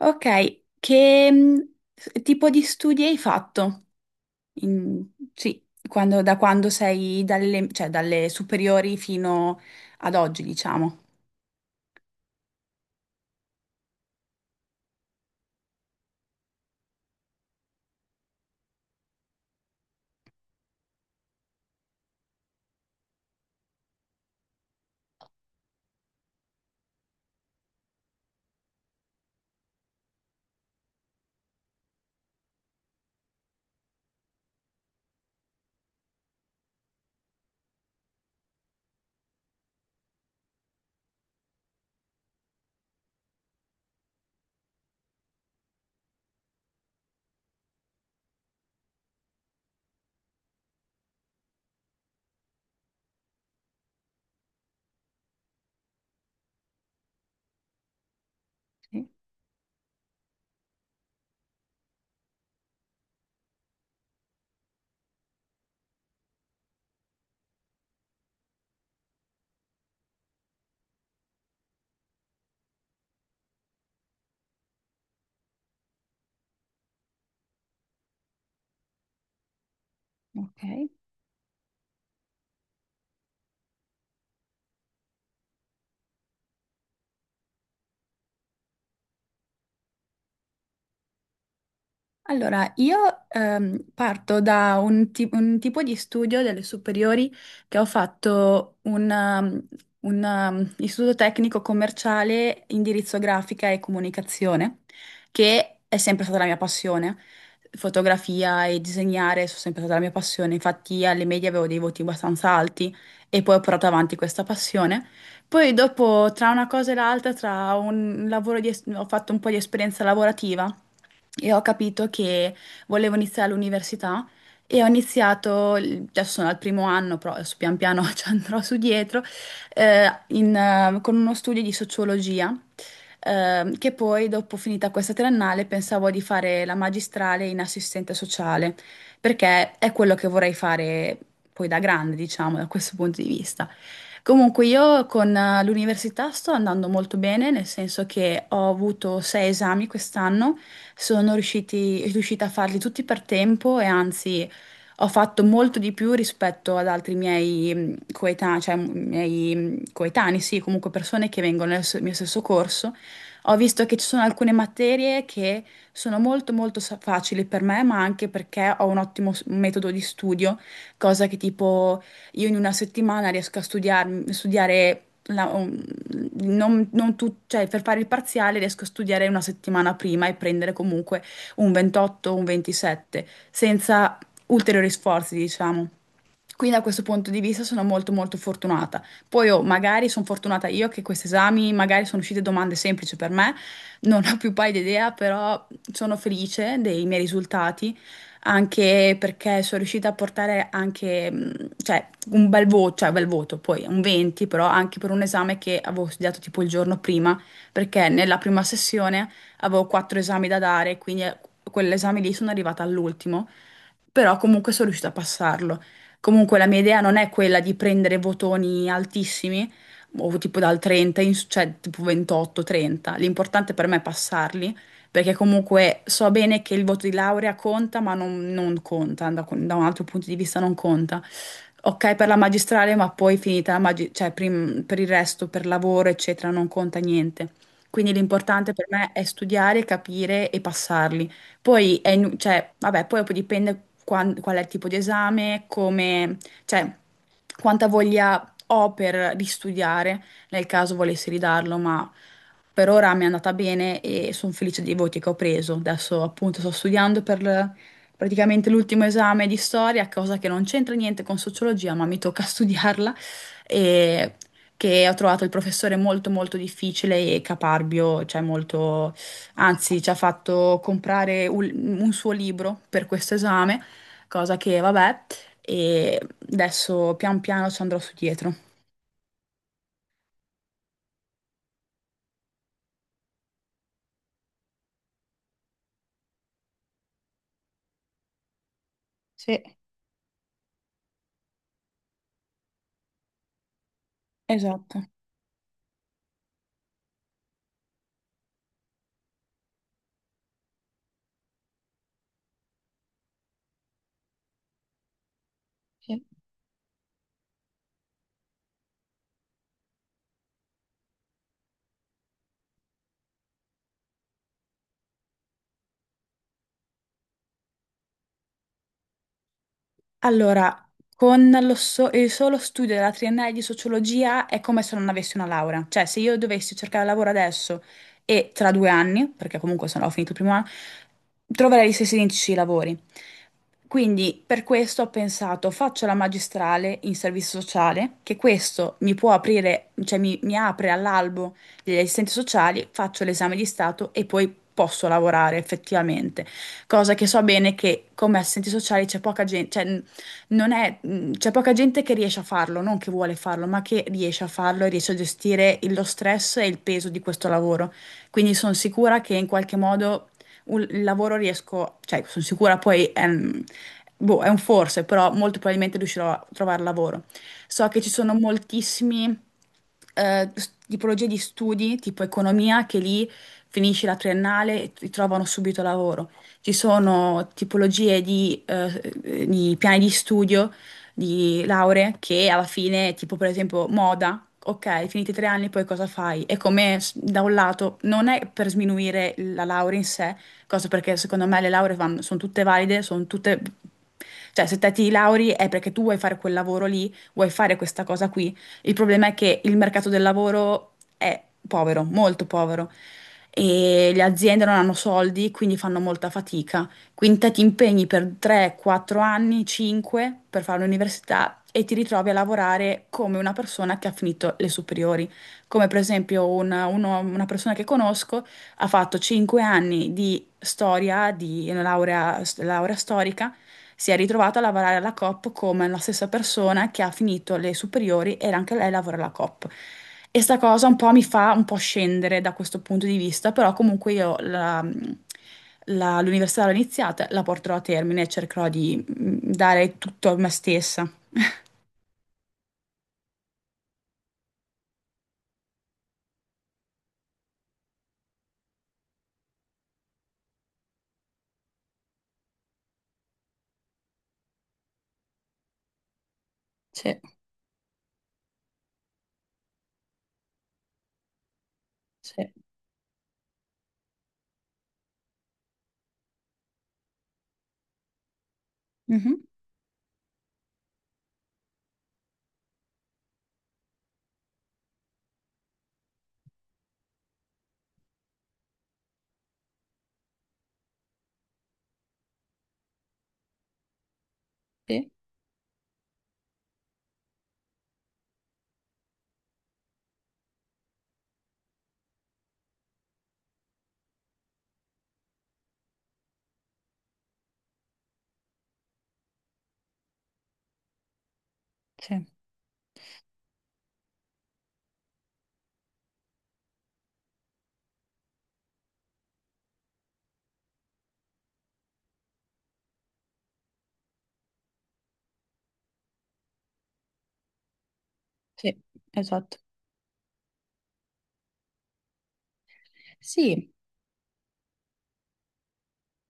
Ok, che tipo di studi hai fatto? In- sì, da quando sei dalle superiori fino ad oggi, diciamo. Sì, ok. Allora, io parto da un tipo di studio delle superiori che ho fatto un istituto tecnico commerciale, indirizzo grafica e comunicazione, che è sempre stata la mia passione. Fotografia e disegnare sono sempre stata la mia passione, infatti alle medie avevo dei voti abbastanza alti e poi ho portato avanti questa passione. Poi dopo, tra una cosa e l'altra, tra un lavoro di es- ho fatto un po' di esperienza lavorativa e ho capito che volevo iniziare l'università e ho iniziato, adesso sono al primo anno, però adesso pian piano ci andrò su dietro, con uno studio di sociologia, che poi dopo finita questa triennale pensavo di fare la magistrale in assistente sociale, perché è quello che vorrei fare poi da grande, diciamo, da questo punto di vista. Comunque io con l'università sto andando molto bene, nel senso che ho avuto sei esami quest'anno, sono riuscita a farli tutti per tempo, e anzi ho fatto molto di più rispetto ad altri miei coetanei, cioè miei coetanei, sì, comunque persone che vengono nel mio stesso corso. Ho visto che ci sono alcune materie che sono molto molto facili per me, ma anche perché ho un ottimo metodo di studio, cosa che tipo io in una settimana riesco a studiare la- un- non, non tu- cioè, per fare il parziale riesco a studiare una settimana prima e prendere comunque un 28 o un 27 senza ulteriori sforzi, diciamo. Quindi da questo punto di vista sono molto molto fortunata. Poi, oh, magari sono fortunata io che questi esami, magari sono uscite domande semplici per me, non ho più paio di idea, però sono felice dei miei risultati, anche perché sono riuscita a portare anche, cioè, un bel voto, cioè bel voto, poi un 20, però anche per un esame che avevo studiato tipo il giorno prima, perché nella prima sessione avevo quattro esami da dare, quindi quell'esame lì sono arrivata all'ultimo, però comunque sono riuscita a passarlo. Comunque la mia idea non è quella di prendere votoni altissimi, o tipo dal 30, cioè tipo 28, 30. L'importante per me è passarli, perché comunque so bene che il voto di laurea conta, ma non conta, da un altro punto di vista non conta. Ok per la magistrale, ma poi finita la magi- cioè prim- per il resto, per lavoro, eccetera, non conta niente. Quindi l'importante per me è studiare, capire e passarli. Poi, cioè, vabbè, poi dopo dipende qual è il tipo di esame, come, cioè, quanta voglia ho per ristudiare, nel caso volessi ridarlo, ma per ora mi è andata bene e sono felice dei voti che ho preso. Adesso appunto sto studiando per praticamente l'ultimo esame di storia, cosa che non c'entra niente con sociologia, ma mi tocca studiarla, e che ho trovato il professore molto molto difficile e caparbio, cioè molto. Anzi, ci ha fatto comprare un suo libro per questo esame, cosa che vabbè, e adesso pian piano ci andrò su dietro. Sì. Esatto. Allora, con il solo studio della triennale di sociologia è come se non avessi una laurea. Cioè, se io dovessi cercare lavoro adesso e tra 2 anni, perché comunque se no ho finito il primo anno, troverei gli stessi identici lavori. Quindi per questo ho pensato, faccio la magistrale in servizio sociale, che questo mi può aprire, cioè mi apre all'albo degli assistenti sociali, faccio l'esame di stato e poi posso lavorare effettivamente. Cosa che so bene che come assistenti sociali c'è poca gente, non è, c'è poca gente che riesce a farlo, non che vuole farlo, ma che riesce a farlo e riesce a gestire lo stress e il peso di questo lavoro. Quindi sono sicura che in qualche modo il lavoro riesco, cioè sono sicura poi è un, boh, è un forse, però molto probabilmente riuscirò a trovare lavoro. So che ci sono moltissimi tipologie di studi, tipo economia, che lì finisci la triennale e ti trovano subito lavoro. Ci sono tipologie di piani di studio, di lauree, che alla fine, tipo per esempio moda, ok, finiti 3 anni, poi cosa fai? E come da un lato non è per sminuire la laurea in sé, cosa perché secondo me le lauree sono tutte valide, sono tutte... Cioè, se te ti lauri è perché tu vuoi fare quel lavoro lì, vuoi fare questa cosa qui, il problema è che il mercato del lavoro è povero, molto povero, e le aziende non hanno soldi, quindi fanno molta fatica. Quindi te ti impegni per 3-4 anni, 5 per fare l'università e ti ritrovi a lavorare come una persona che ha finito le superiori. Come per esempio una persona che conosco ha fatto 5 anni di storia, di una laurea storica, si è ritrovata a lavorare alla COP come la stessa persona che ha finito le superiori e anche lei lavora alla COP. E sta cosa un po' mi fa un po' scendere da questo punto di vista, però comunque io l'università l'ho iniziata, la porterò a termine e cercherò di dare tutto a me stessa. Sì, sì. Mhm. Sì, sì, sì, esatto. Sì.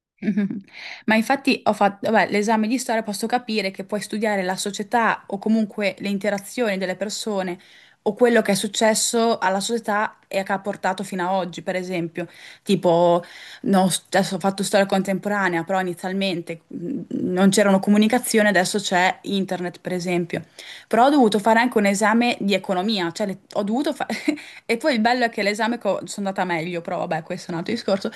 Mhm. Ma infatti ho fatto, vabbè, l'esame di storia posso capire che puoi studiare la società o comunque le interazioni delle persone o quello che è successo alla società e che ha portato fino a oggi, per esempio. Tipo, no, adesso ho fatto storia contemporanea, però inizialmente non c'erano comunicazioni, adesso c'è internet, per esempio. Però ho dovuto fare anche un esame di economia, cioè ho dovuto fare... E poi il bello è che l'esame che sono andata meglio, però vabbè, questo è un altro discorso.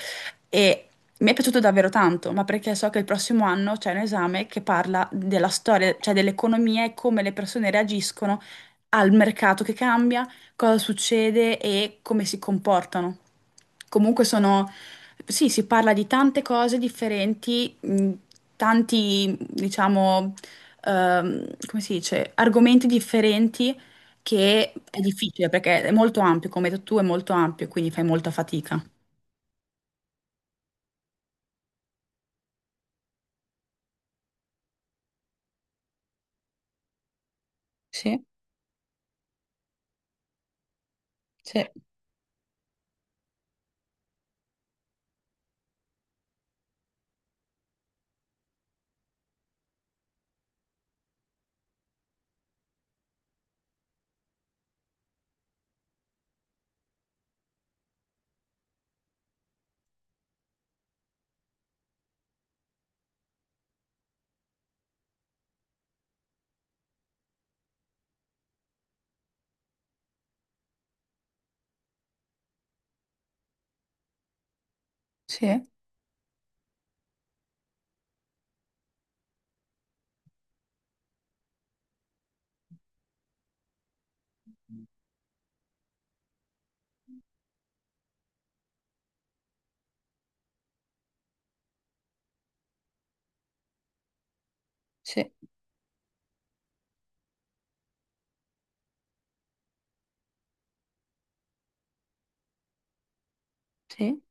E mi è piaciuto davvero tanto, ma perché so che il prossimo anno c'è un esame che parla della storia, cioè dell'economia e come le persone reagiscono al mercato che cambia, cosa succede e come si comportano. Comunque sono, sì, si parla di tante cose differenti, tanti, diciamo, come si dice, argomenti differenti che è difficile perché è molto ampio, come hai detto tu, è molto ampio, quindi fai molta fatica. Sì, sì, sì. Sì, sì.